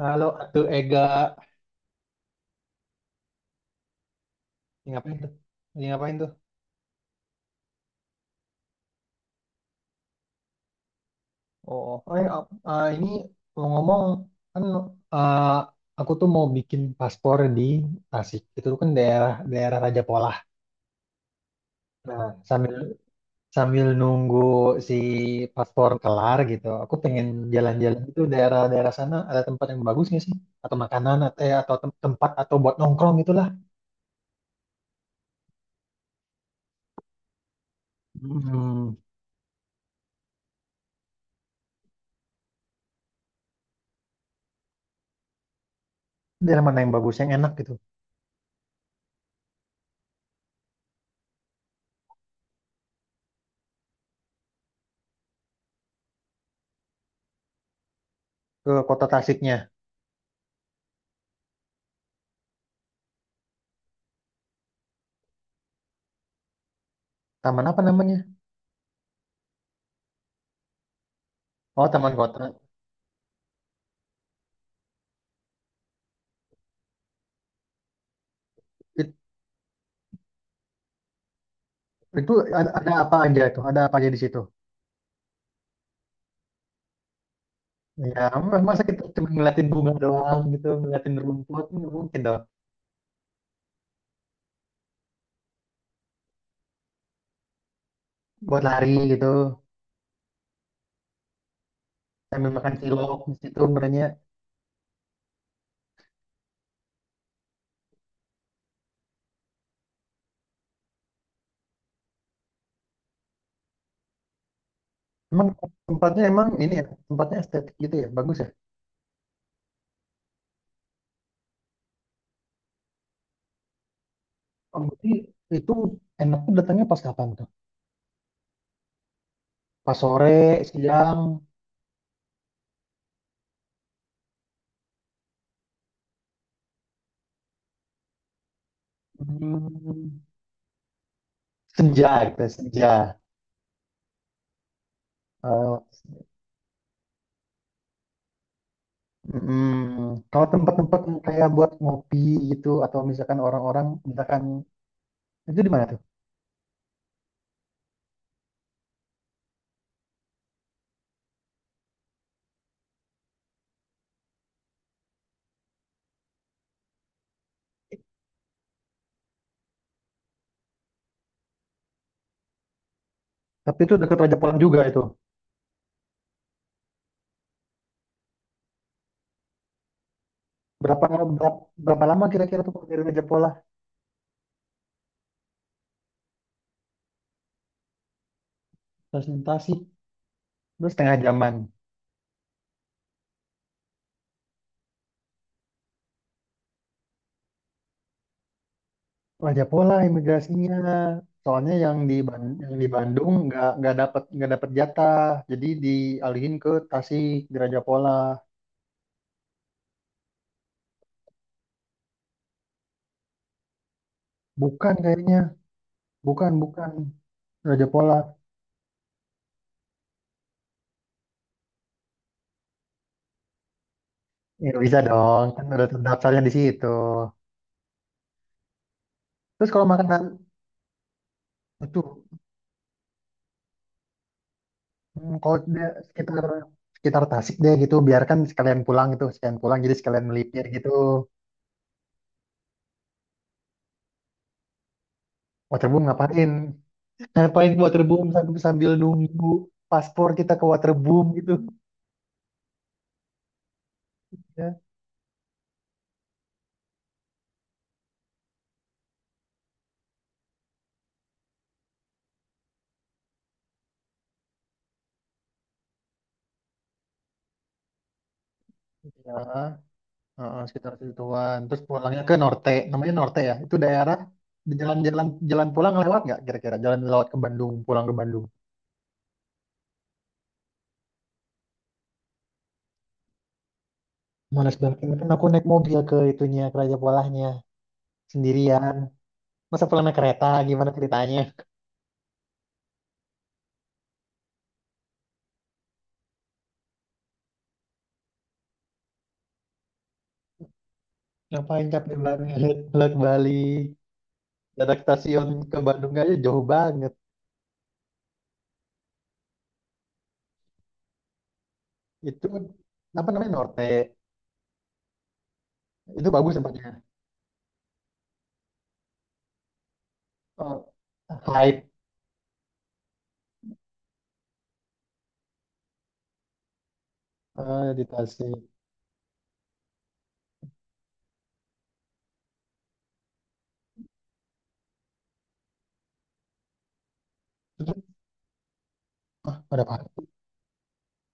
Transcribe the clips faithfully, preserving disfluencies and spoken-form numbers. Halo, tuh Ega. Ini ngapain tuh? Ini ngapain tuh? Oh, Oh Oh, ya, eh, ini ngomong-ngomong kan eh, aku tuh mau bikin paspor di Tasik. Itu kan daerah daerah Raja Pola. Nah, sambil sambil nunggu si paspor kelar gitu, aku pengen jalan-jalan itu daerah-daerah sana ada tempat yang bagus nggak sih? Atau makanan atau eh, atau tem- tempat atau buat nongkrong itulah. Hmm, daerah mana yang bagus yang enak gitu? Ke kota Tasiknya. Taman apa namanya? Oh, Taman Kota. Itu ada, ada apa aja itu? Ada apa aja di situ? Ya, masa kita cuma ngeliatin bunga doang gitu, ngeliatin rumput, nggak mungkin dong. Buat lari gitu, sambil makan cilok di situ sebenarnya. Emang tempatnya emang ini ya, tempatnya estetik gitu ya, bagus ya. Oh, berarti itu enaknya datangnya pas kapan tuh? Pas sore, siang, hmm, senja gitu, senja. Eh, mm, kalau tempat-tempat yang kayak buat ngopi gitu, atau misalkan orang-orang, misalkan itu di mana? Tapi itu dekat Raja Polang juga itu. Berapa berapa, berapa lama kira-kira tuh dari Raja Polah presentasi? Terus setengah jaman. Raja Polah imigrasinya. Soalnya yang di Ban- yang di Bandung nggak nggak dapat nggak dapat jatah. Jadi dialihin ke Tasik di Raja Polah. Bukan kayaknya. Bukan bukan Raja Polah. Ya nggak bisa dong. Kan udah terdaftarnya di situ. Terus kalau makanan itu hmm, kalau dia sekitar sekitar Tasik deh gitu biarkan sekalian pulang gitu sekalian pulang jadi sekalian melipir gitu. Waterboom ngapain? Ngapain ke waterboom sambil, sambil nunggu paspor kita ke waterboom gitu. Ya, ya heeh, sekitar situan. Terus pulangnya ke Norte, namanya Norte ya. Itu daerah di jalan-jalan jalan pulang lewat nggak kira-kira? Jalan lewat ke Bandung, pulang ke Bandung. Males banget. Kan aku naik mobil ke itunya, ke Raja Polahnya sendirian. Masa pulang naik kereta? Gimana ceritanya? Ngapain capek banget? Lewat Bali, dari stasiun ke Bandung aja jauh banget. Itu apa namanya Norte? Itu bagus tempatnya. Eh, hype eh, di Tasik. Itu pada apa?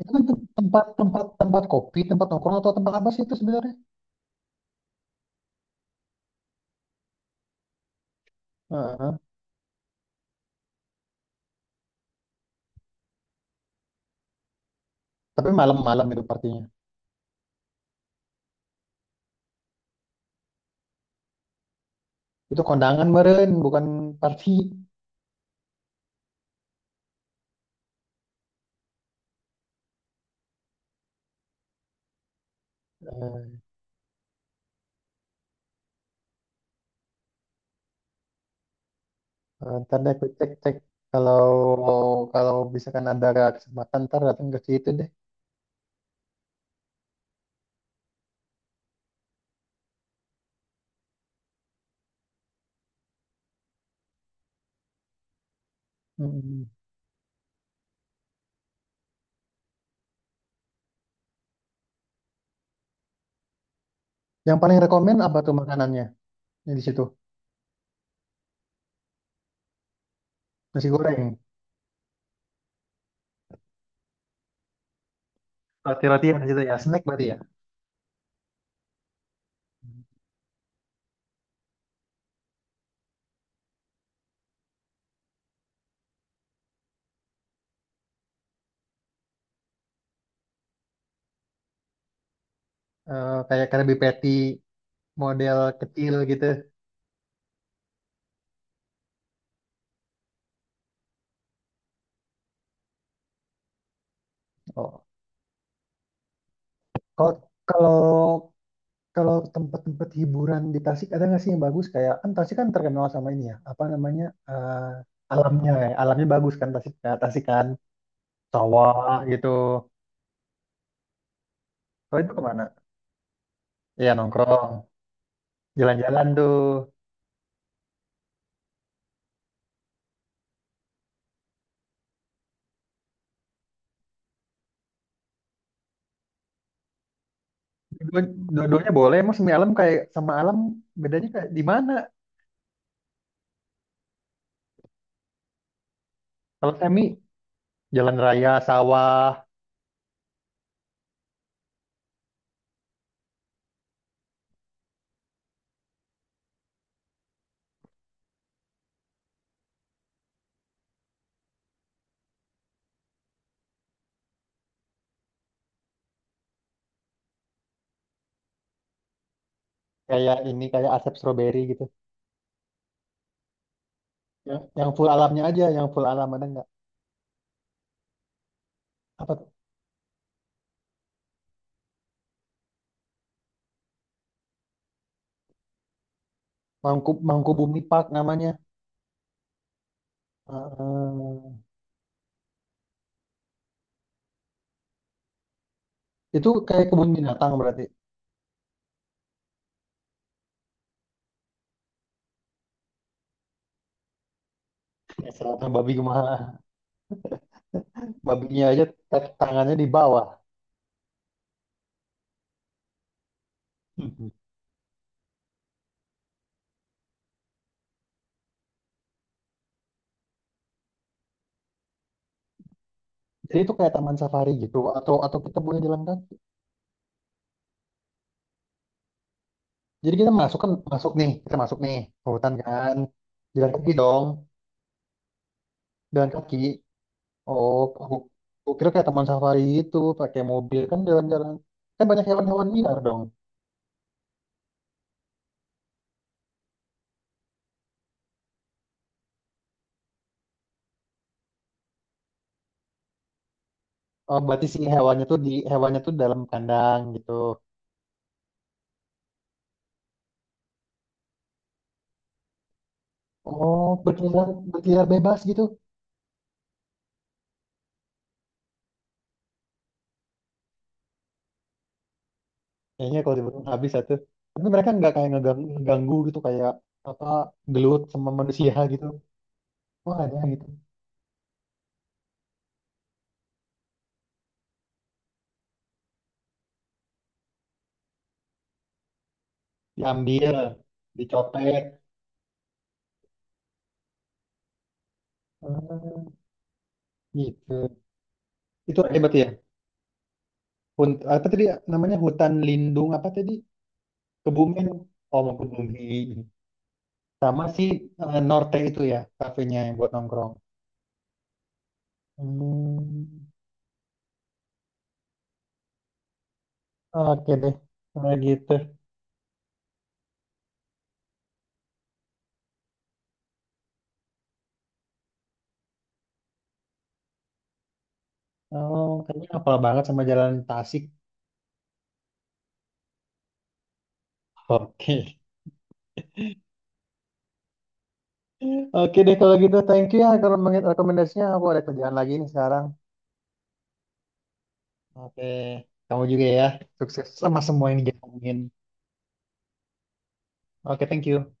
Itu kan tempat tempat tempat kopi, tempat nongkrong atau tempat apa sih itu sebenarnya? Heeh. Tapi malam-malam itu partinya. Itu kondangan meren, bukan party. Eh, eh, ntar deh aku cek-cek kalau kalau bisa kan ada kesempatan ntar datang ke situ deh. Mm. Yang paling rekomen apa tuh makanannya yang di situ? Nasi goreng. Roti-roti yang di situ ya, snack berarti ya. Eh, kayak Krabby Patty model kecil gitu. Oh. Kalau kalau kalau tempat-tempat hiburan di Tasik ada nggak sih yang bagus? Kayak kan Tasik kan terkenal sama ini ya, apa namanya eh, alamnya, ya. Alamnya bagus kan Tasik, Tasik kan sawah gitu. Kalau itu kemana? Iya nongkrong, jalan-jalan tuh. Dua- Dua-duanya boleh. Emang semi alam kayak sama alam bedanya kayak di mana? Kalau semi jalan raya, sawah, kayak ini kayak asap stroberi gitu. Yang, yang full alamnya aja, yang full alam ada nggak? Apa tuh? Mangku, Mangkubumi Park namanya. Eh, itu kayak kebun binatang berarti. Misalnya babi gimana? Babinya aja ta- tangannya di bawah. Mhm. Jadi itu kayak taman safari gitu atau atau kita boleh jalan kan? Jadi kita masuk kan masuk nih, kita masuk nih ke hutan kan. Jalan kaki dong, jalan kaki. Oh, aku, aku kira kayak taman safari itu pakai mobil kan jalan-jalan. Kan banyak hewan-hewan liar dong. Oh, berarti si hewannya tuh di hewannya tuh dalam kandang gitu. Oh, berkeliaran berkeliaran bebas gitu. Kayaknya kalau dibunuh habis satu. Tapi mereka nggak kayak ngegang- ngeganggu gitu kayak apa gelut sama manusia gitu. Wah ada gitu. Diambil, dicopet, ah, gitu. Itu hebat ya. Hun, apa tadi namanya hutan lindung apa tadi? Kebumen. Oh mau bumi. Sama si eh, Norte itu ya kafenya yang buat nongkrong. Hmm, oke deh. Nah gitu. Oh kayaknya hafal banget sama jalan Tasik. Oke. Oke deh kalau gitu thank you ya rekomend- rekomendasinya aku ada kerjaan lagi nih sekarang. Oke, kamu juga ya. Sukses sama semua yang dijalanin. Oke, thank you.